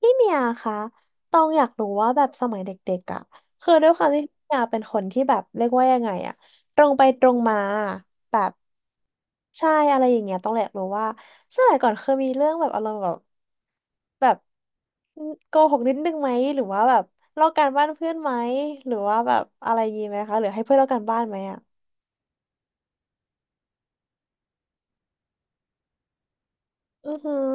พี่เมียคะตองอยากรู้ว่าแบบสมัยเด็กๆอ่ะคือด้วยความที่พี่เมียเป็นคนที่แบบเรียกว่ายังไงอ่ะตรงไปตรงมาแบบใช่อะไรอย่างเงี้ยต้องอยากรู้ว่าสมัยก่อนเคยมีเรื่องแบบอารมณ์แบบโกหกนิดนึงไหมหรือว่าแบบลอกการบ้านเพื่อนไหมหรือว่าแบบอะไรอยางงี้ไหมคะหรือให้เพื่อนลอกการบ้านไหมอ่ะอือหือ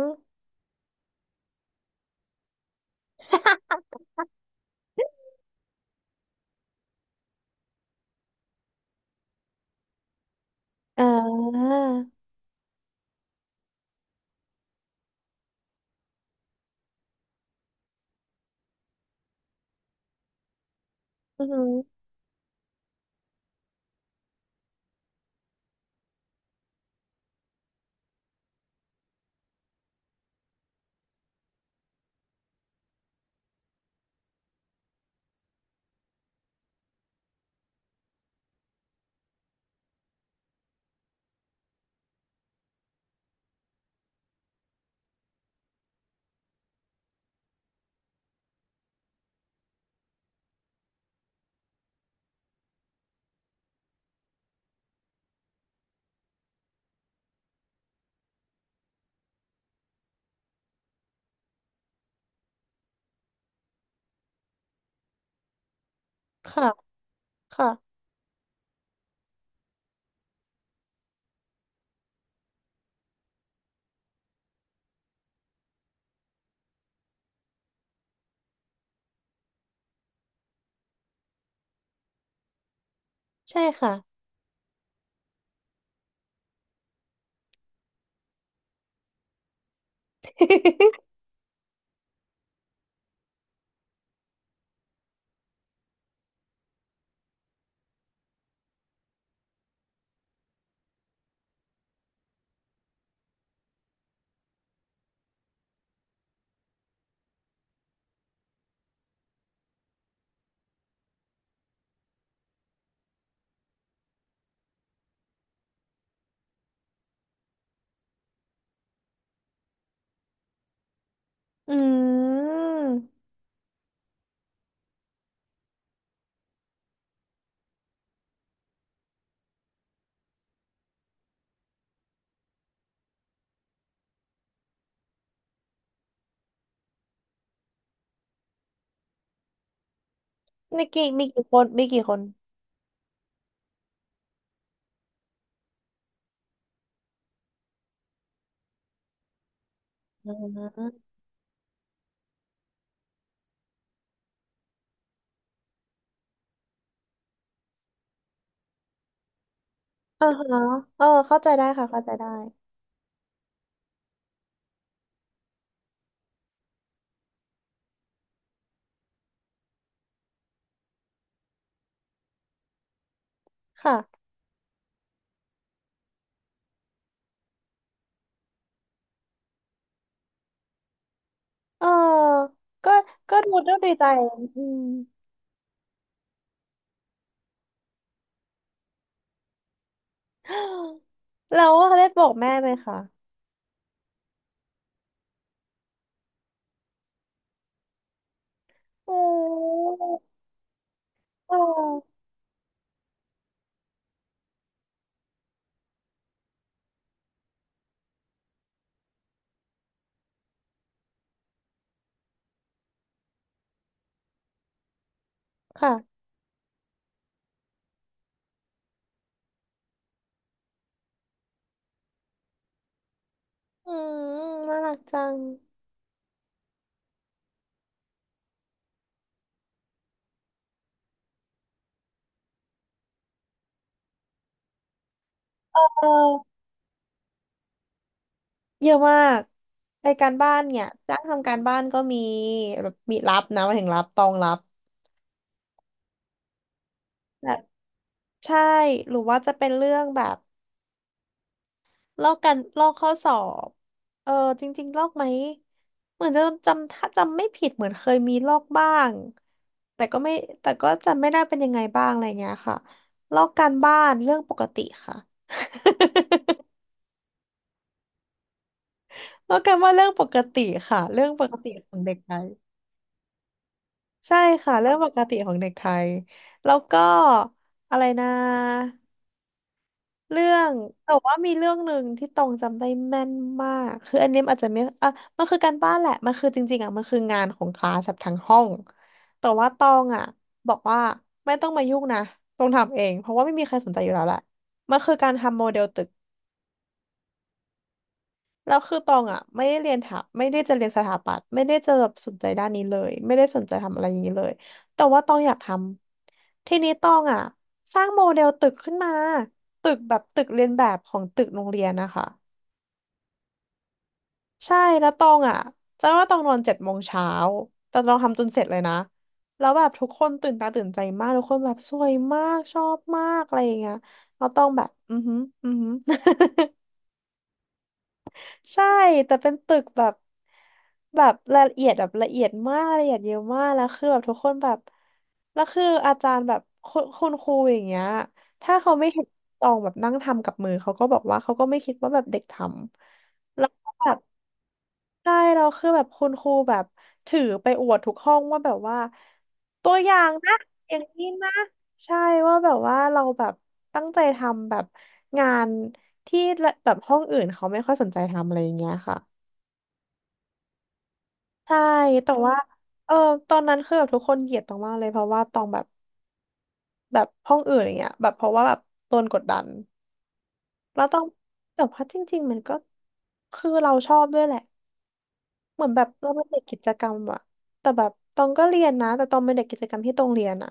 อ่าอือหือค่ะค่ะใช่ค่ะ อืม มีกี่คนมีกี่คนอ่าอ่าฮะเออเข้าใจได้ค่ะเข้าใจได้ค่ะเออก็ก็ดูด้วยดีใจอืม แล้วได้บอกแม่ไหมคะโอเออค่ะอืมน่ารักจังเออเยอะมากไอการบ้านเนี่ยจ้างทำการบ้านก็มีแบบมีรับนะหมายถึงรับตองรับแบบใช่หรือว่าจะเป็นเรื่องแบบ ลอกกันลอกข้อสอบเออจริงๆลอกไหม เหมือนจะจำถ้าจำไม่ผิดเหมือนเคยมีลอกบ้างแต่ก็ไม่แต่ก็จำไม่ได้เป็นยังไงบ้างอะไรเงี้ยค่ะลอกการบ้านเรื่องปกติค่ะ ลอกการบ้านเรื่องปกติค่ะเรื่องปกติของเด็กไทยใช่ค่ะเรื่องปกติของเด็กไทยแล้วก็อะไรนะ เรื่องแต่ว่ามีเรื่องหนึ่งที่ตองจำได้แม่นมากคืออันนี้มันอาจจะไม่อ่ะมันคือการบ้านแหละมันคือจริงๆอ่ะมันคืองานของคลาสแบบทั้งห้องแต่ว่าตองอ่ะบอกว่าไม่ต้องมายุ่งนะตองทำเองเพราะว่าไม่มีใครสนใจอยู่แล้วแหละมันคือการทำโมเดลตึกแล้วคือตองอ่ะไม่ได้จะเรียนสถาปัตย์ไม่ได้จะแบบสนใจด้านนี้เลยไม่ได้สนใจทำอะไรอย่างนี้เลยแต่ว่าตองอยากทำทีนี้ตองอ่ะสร้างโมเดลตึกขึ้นมาตึกแบบตึกเรียนแบบของตึกโรงเรียนนะคะ ใช่แล้วตองอ่ะจำได้ว่าตองนอน7 โมงเช้าแต่ตองทำจนเสร็จเลยนะแล้วแบบทุกคนตื่นตาตื่นใจมากทุกคนแบบสวยมากชอบมากอะไรอย่างเงี้ยแล้วตองแบบอือหืออือหือ ใช่แต่เป็นตึกแบบแบบละเอียดแบบละเอียดมากละเอียดเยอะมากแล้วคือแบบทุกคนแบบแล้วคืออาจารย์แบบคุณครูอย่างเงี้ยถ้าเขาไม่เห็นตองแบบนั่งทำกับมือเขาก็บอกว่าเขาก็ไม่คิดว่าแบบเด็กทำแล้วก็แบบ ใช่เราคือแบบคุณครูแบบถือไปอวดทุกห้องว่าแบบว่าตัวอย่างนะอย่างนี้นะใช่ว่าแบบว่าเราแบบตั้งใจทำแบบงานที่แบบห้องอื่นเขาไม่ค่อยสนใจทำอะไรอย่างเงี้ยค่ะใช่แต่อืมว่าเออตอนนั้นคือแบบทุกคนเกลียดตองมากเลยเพราะว่าตองแบบแบบห้องอื่นอย่างเงี้ยแบบเพราะว่าแบบโดนกดดันแล้วต้องแต่ว่าจริงๆมันก็คือเราชอบด้วยแหละ เหมือนแบบเราเป็นเด็กกิจกรรมอะ แต่แบบตองก็เรียนนะแต่ตองเป็นเด็กกิจกรรมที่ตองเรียนอะ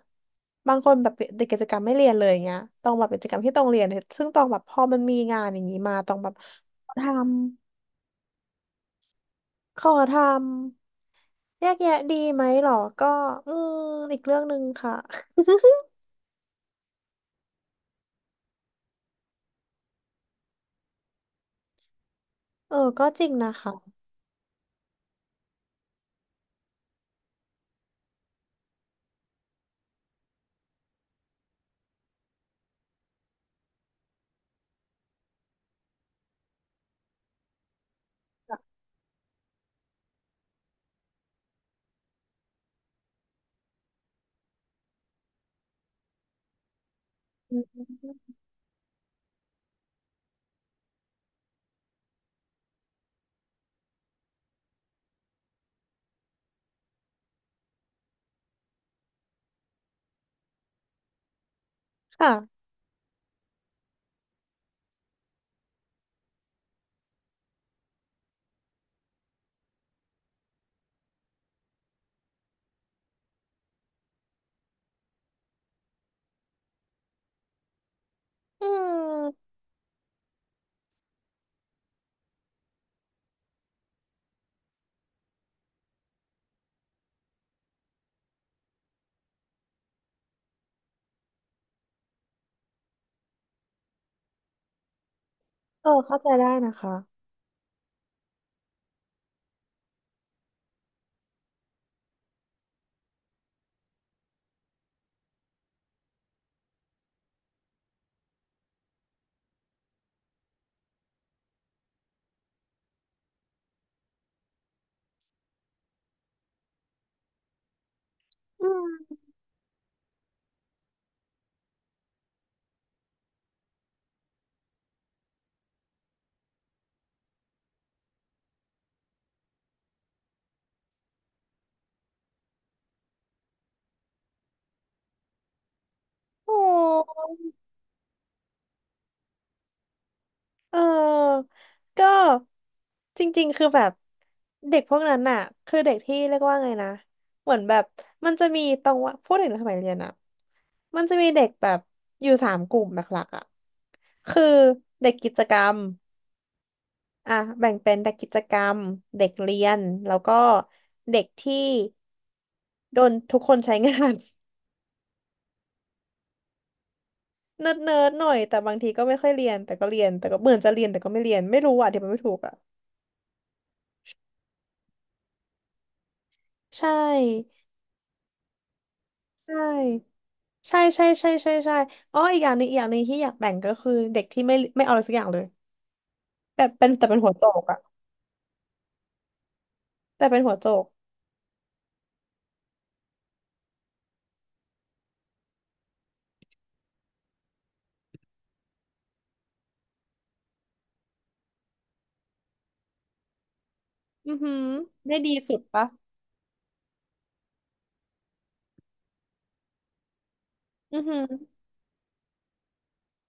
บางคนแบบเด็กกิจกรรมไม่เรียนเลยอย่างเงี้ยตองแบบเป็นกิจกรรมที่ตองเรียนเนี่ยซึ่งตองแบบพอมันมีงานอย่างนี้มาตองแบบทำขอทำแยกแยะดีไหมหรอก็อืมอีกเรื่องหนึ่งค่ะ เออก็จริงนะคะอืมค่ะอืมเออเข้าใจได้นะคะอืมโอ้ เออ ก็จริงๆ คือแบบเด็กพวกนั้นน่ะคือเด็กที่เรียกว่าไงนะเหมือนแบบมันจะมีตรงว่าพูดถึงสมัยเรียนอะมันจะมีเด็กแบบอยู่3 กลุ่มหลักๆอะคือเด็กกิจกรรมอ่ะแบ่งเป็นเด็กกิจกรรมเด็กเรียนแล้วก็เด็กที่โดนทุกคนใช้งาน เนิร์ดๆหน่อยแต่บางทีก็ไม่ค่อยเรียนแต่ก็เรียนแต่ก็เหมือนจะเรียนแต่ก็ไม่เรียนไม่รู้อ่ะเดี๋ยวมันไม่ถูกอ่ะใช่ใช่ ใช่ใช่ใช่ใช่ใช่อ๋ออีกอย่างหนึงอีกอย่างหนึงที่อยากแบ่งก็คือเด็กที่ไม่เอาอะไรสักอย่างเลยแบบเป็นแต่เป็นหัวโจกอะแต่เป็นหัวโจกอือหือได้ดีสุดปะอือหือ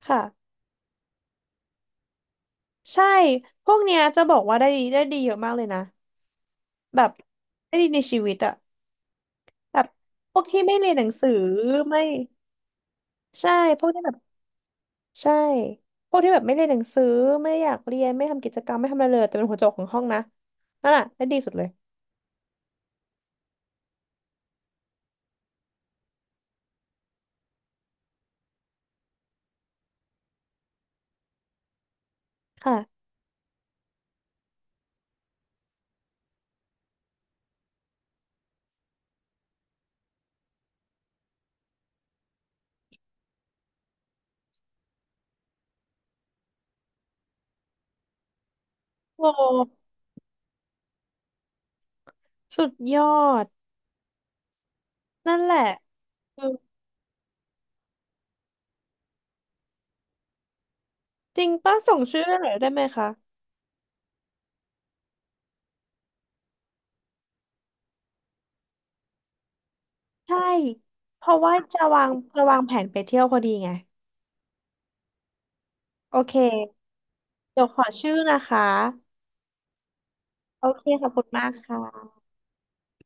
ค่ะใช่พวกเนี้ยจะบอกว่าได้ดีเยอะมากเลยนะแบบได้ดีในชีวิตอะแบบพวกที่ไม่เรียนหนังสือไม่ใช่พวกที่แบบใช่พวกที่แบบไม่เรียนหนังสือไม่อยากเรียนไม่ทำกิจกรรมไม่ทำอะไรเลยแต่เป็นหัวโจกของห้องนะนั่นอะได้ดีสุดเลยค่ะโอ้สุดยอด นั่นแหละเออจริงป้าส่งชื่อได้หน่อยได้ไหมคะใช่เพราะว่าจะวางแผนไปเที่ยวพอดีไงโอเคเดี๋ยวขอชื่อนะคะโอเคขอบคุณมากค่ะ